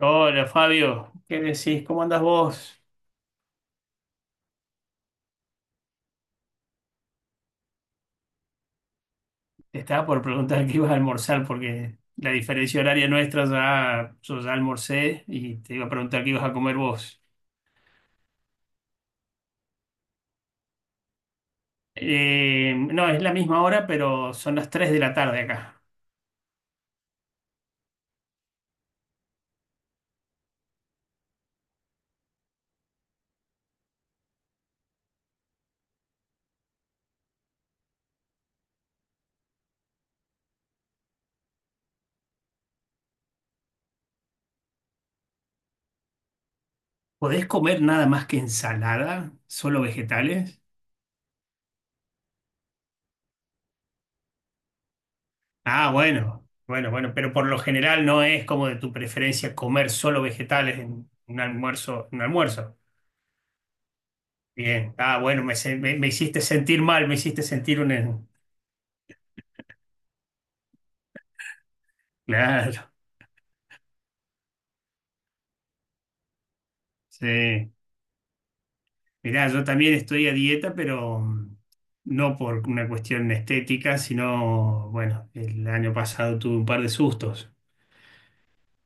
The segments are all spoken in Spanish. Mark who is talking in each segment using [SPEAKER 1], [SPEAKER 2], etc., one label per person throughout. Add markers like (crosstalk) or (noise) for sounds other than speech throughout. [SPEAKER 1] Hola Fabio, ¿qué decís? ¿Cómo andás vos? Te estaba por preguntar qué ibas a almorzar porque la diferencia horaria nuestra ya, yo ya almorcé y te iba a preguntar qué ibas a comer vos. No, es la misma hora, pero son las 3 de la tarde acá. ¿Podés comer nada más que ensalada? ¿Solo vegetales? Ah, bueno, bueno, bueno, pero por lo general no es como de tu preferencia comer solo vegetales en un almuerzo, un almuerzo. Bien, ah, bueno, me hiciste sentir mal, me hiciste sentir un, claro, sí. Mirá, yo también estoy a dieta, pero no por una cuestión estética, sino, bueno, el año pasado tuve un par de sustos.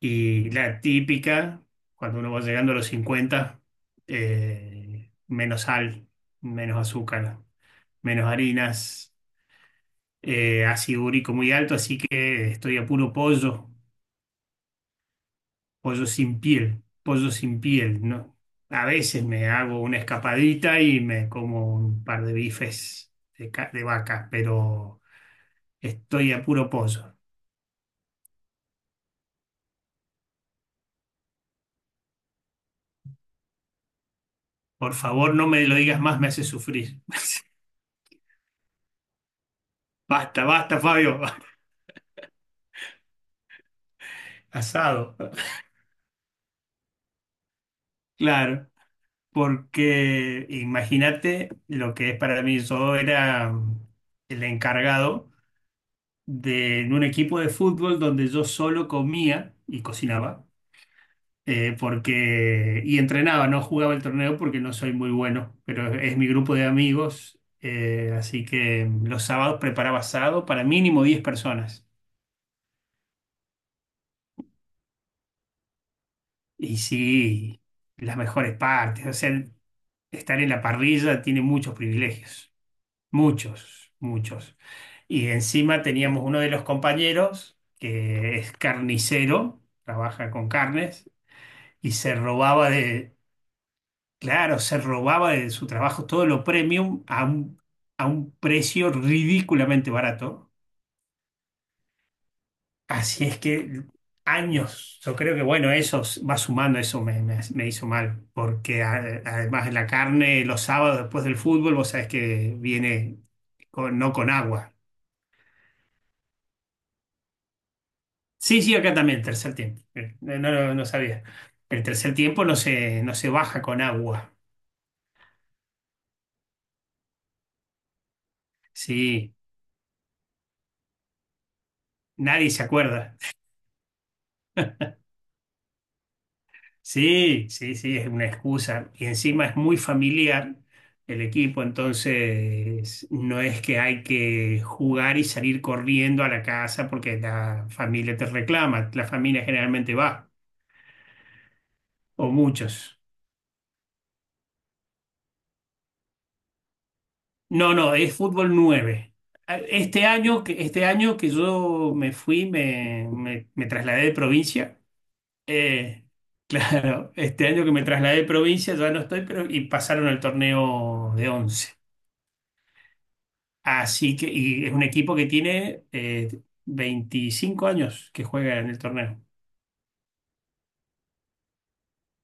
[SPEAKER 1] Y la típica, cuando uno va llegando a los 50, menos sal, menos azúcar, menos harinas, ácido úrico muy alto, así que estoy a puro pollo. Pollo sin piel, pollo sin piel, ¿no? A veces me hago una escapadita y me como un par de bifes de vaca, pero estoy a puro pollo. Por favor, no me lo digas más, me hace sufrir. (laughs) Basta, basta, Fabio. (laughs) Asado. Claro, porque imagínate lo que es para mí. Yo era el encargado de en un equipo de fútbol donde yo solo comía y cocinaba porque, y entrenaba, no jugaba el torneo porque no soy muy bueno, pero es mi grupo de amigos, así que los sábados preparaba asado para mínimo diez personas. Y sí, las mejores partes, o sea, estar en la parrilla tiene muchos privilegios, muchos, muchos. Y encima teníamos uno de los compañeros que es carnicero, trabaja con carnes, y se robaba de, Claro, se robaba de su trabajo todo lo premium a un precio ridículamente barato. Así es que años, yo creo que bueno, va sumando, me hizo mal, porque además de la carne, los sábados después del fútbol, vos sabés que viene no con agua. Sí, sí, acá también, tercer tiempo. No, no, no sabía. El tercer tiempo no se baja con agua. Sí, nadie se acuerda. Sí, sí, sí, es una excusa. Y encima es muy familiar el equipo, entonces no es que hay que jugar y salir corriendo a la casa porque la familia te reclama. La familia generalmente va, o muchos. No, no, es fútbol 9. Este año, este año que yo me fui, me trasladé de provincia. eh, (laughs) claro, este año que me trasladé de provincia ya no estoy, pero y pasaron al torneo de 11. Así que, y es un equipo que tiene 25 años que juega en el torneo.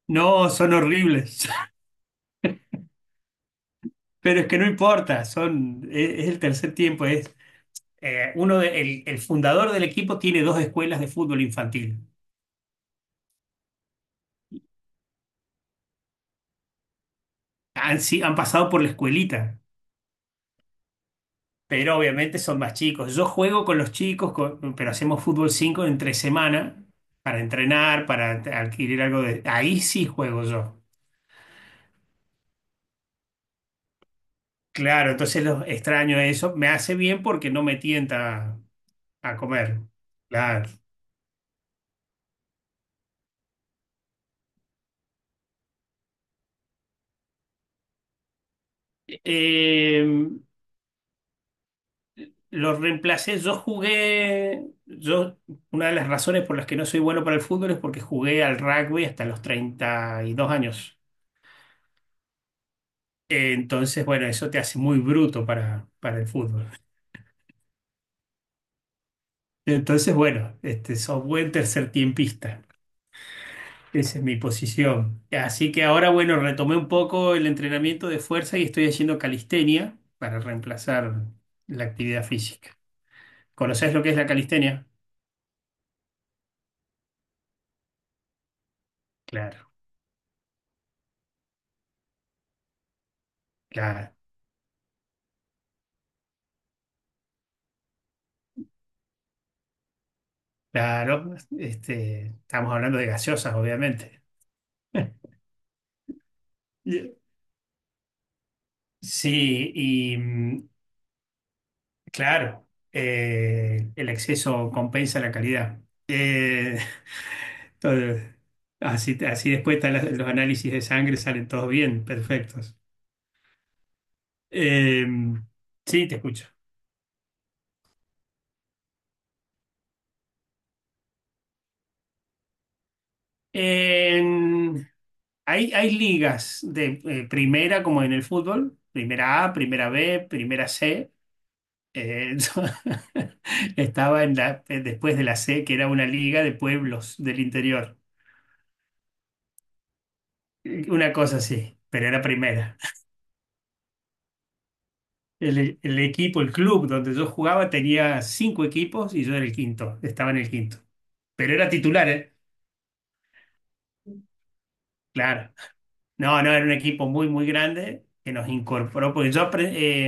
[SPEAKER 1] No, son horribles, (laughs) pero es que no importa, es el tercer tiempo, es uno de- el fundador del equipo tiene dos escuelas de fútbol infantil. Han, si- Han pasado por la escuelita, pero obviamente son más chicos. Yo juego con los chicos, pero hacemos fútbol 5 entre semana para entrenar, para adquirir algo de... Ahí sí juego yo. Claro, entonces lo extraño eso. Me hace bien porque no me tienta a comer. Claro. Eh, lo reemplacé. Yo jugué. Yo, una de las razones por las que no soy bueno para el fútbol es porque jugué al rugby hasta los 32 años. Entonces, bueno, eso te hace muy bruto para el fútbol. Entonces, bueno, este, sos buen tercer tiempista. Esa es mi posición. Así que ahora, bueno, retomé un poco el entrenamiento de fuerza y estoy haciendo calistenia para reemplazar la actividad física. ¿Conoces lo que es la calistenia? Claro, claro, claro. Este, estamos hablando de gaseosas, obviamente. (laughs) Y- Sí, y claro, el exceso compensa la calidad. Eh, (laughs) todo- así, así después están los análisis de sangre, salen todos bien, perfectos. Eh, sí, te escucho. En- Hay, hay ligas de primera, como en el fútbol, primera A, primera B, primera C. Eh, (laughs) yo estaba en la, después de la C, que era una liga de pueblos del interior. Una cosa así, pero era primera. El equipo, el club donde yo jugaba tenía cinco equipos y yo era el quinto, estaba en el quinto. Pero era titular, ¿eh? Claro. No, no, era un equipo muy, muy grande que nos incorporó, porque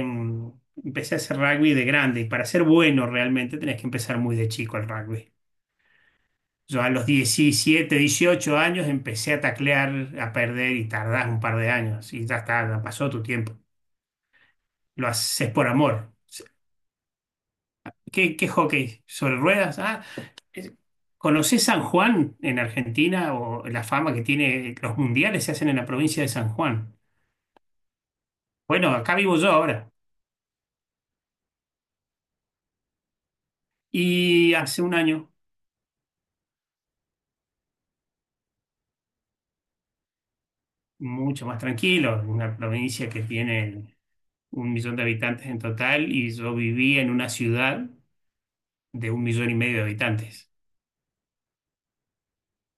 [SPEAKER 1] empecé a hacer rugby de grande y para ser bueno realmente tenés que empezar muy de chico el rugby. Yo a los 17, 18 años empecé a taclear, a perder y tardás un par de años y ya está, ya pasó tu tiempo. Lo haces por amor. ¿Qué hockey? ¿Sobre ruedas? Ah, es- ¿conocés San Juan en Argentina o la fama que tiene? Los mundiales se hacen en la provincia de San Juan. Bueno, acá vivo yo ahora. Y hace un año, mucho más tranquilo, una provincia que tiene un millón de habitantes en total y yo vivía en una ciudad de un millón y medio de habitantes.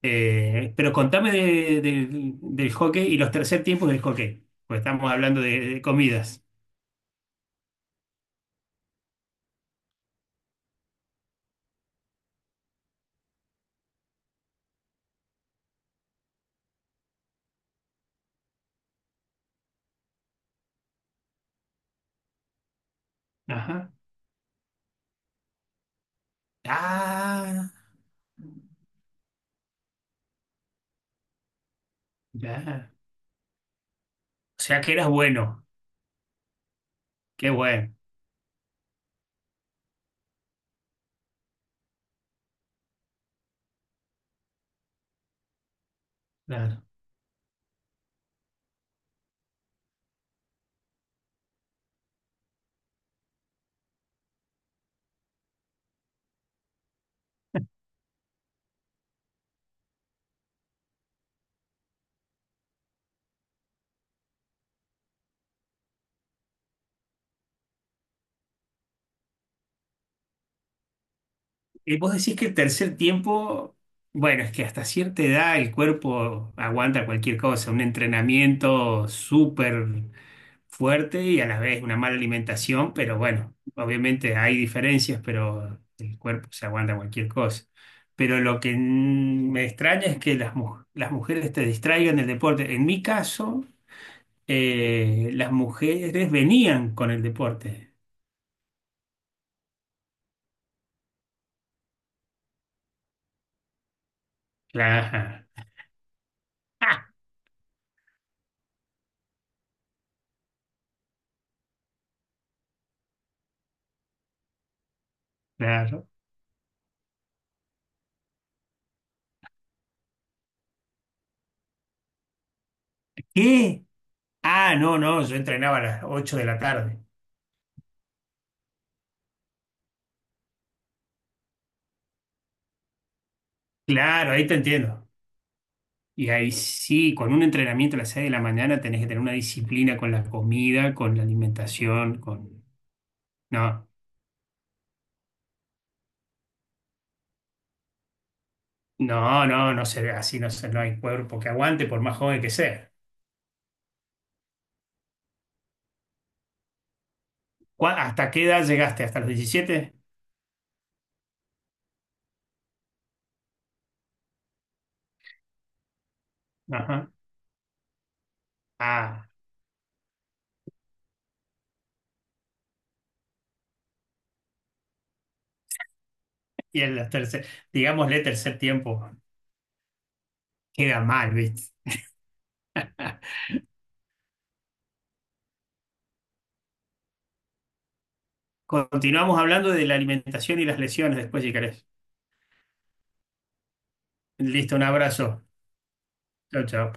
[SPEAKER 1] Pero del hockey y los tercer tiempos del hockey, pues estamos hablando de comidas. Ajá. Ah, ya. O sea que eras bueno, qué bueno. Y vos decís que el tercer tiempo, bueno, es que hasta cierta edad el cuerpo aguanta cualquier cosa, un entrenamiento súper fuerte y a la vez una mala alimentación, pero bueno, obviamente hay diferencias, pero el cuerpo se aguanta cualquier cosa. Pero lo que me extraña es que las mujeres te distraigan del deporte. En mi caso, las mujeres venían con el deporte. Claro. (laughs) Claro. ¿Qué? Ah, no, no, yo entrenaba a las 8 de la tarde. Claro, ahí te entiendo. Y ahí sí, con un entrenamiento a las 6 de la mañana tenés que tener una disciplina con la comida, con la alimentación, con... No, no, no se ve así, no hay cuerpo que aguante por más joven que sea. ¿Hasta qué edad llegaste? ¿Hasta los diecisiete? Ajá. Ah, y en el tercer, digámosle tercer tiempo, queda mal, ¿viste? Continuamos hablando de la alimentación y las lesiones después, si querés. Listo, un abrazo. Chao, chao.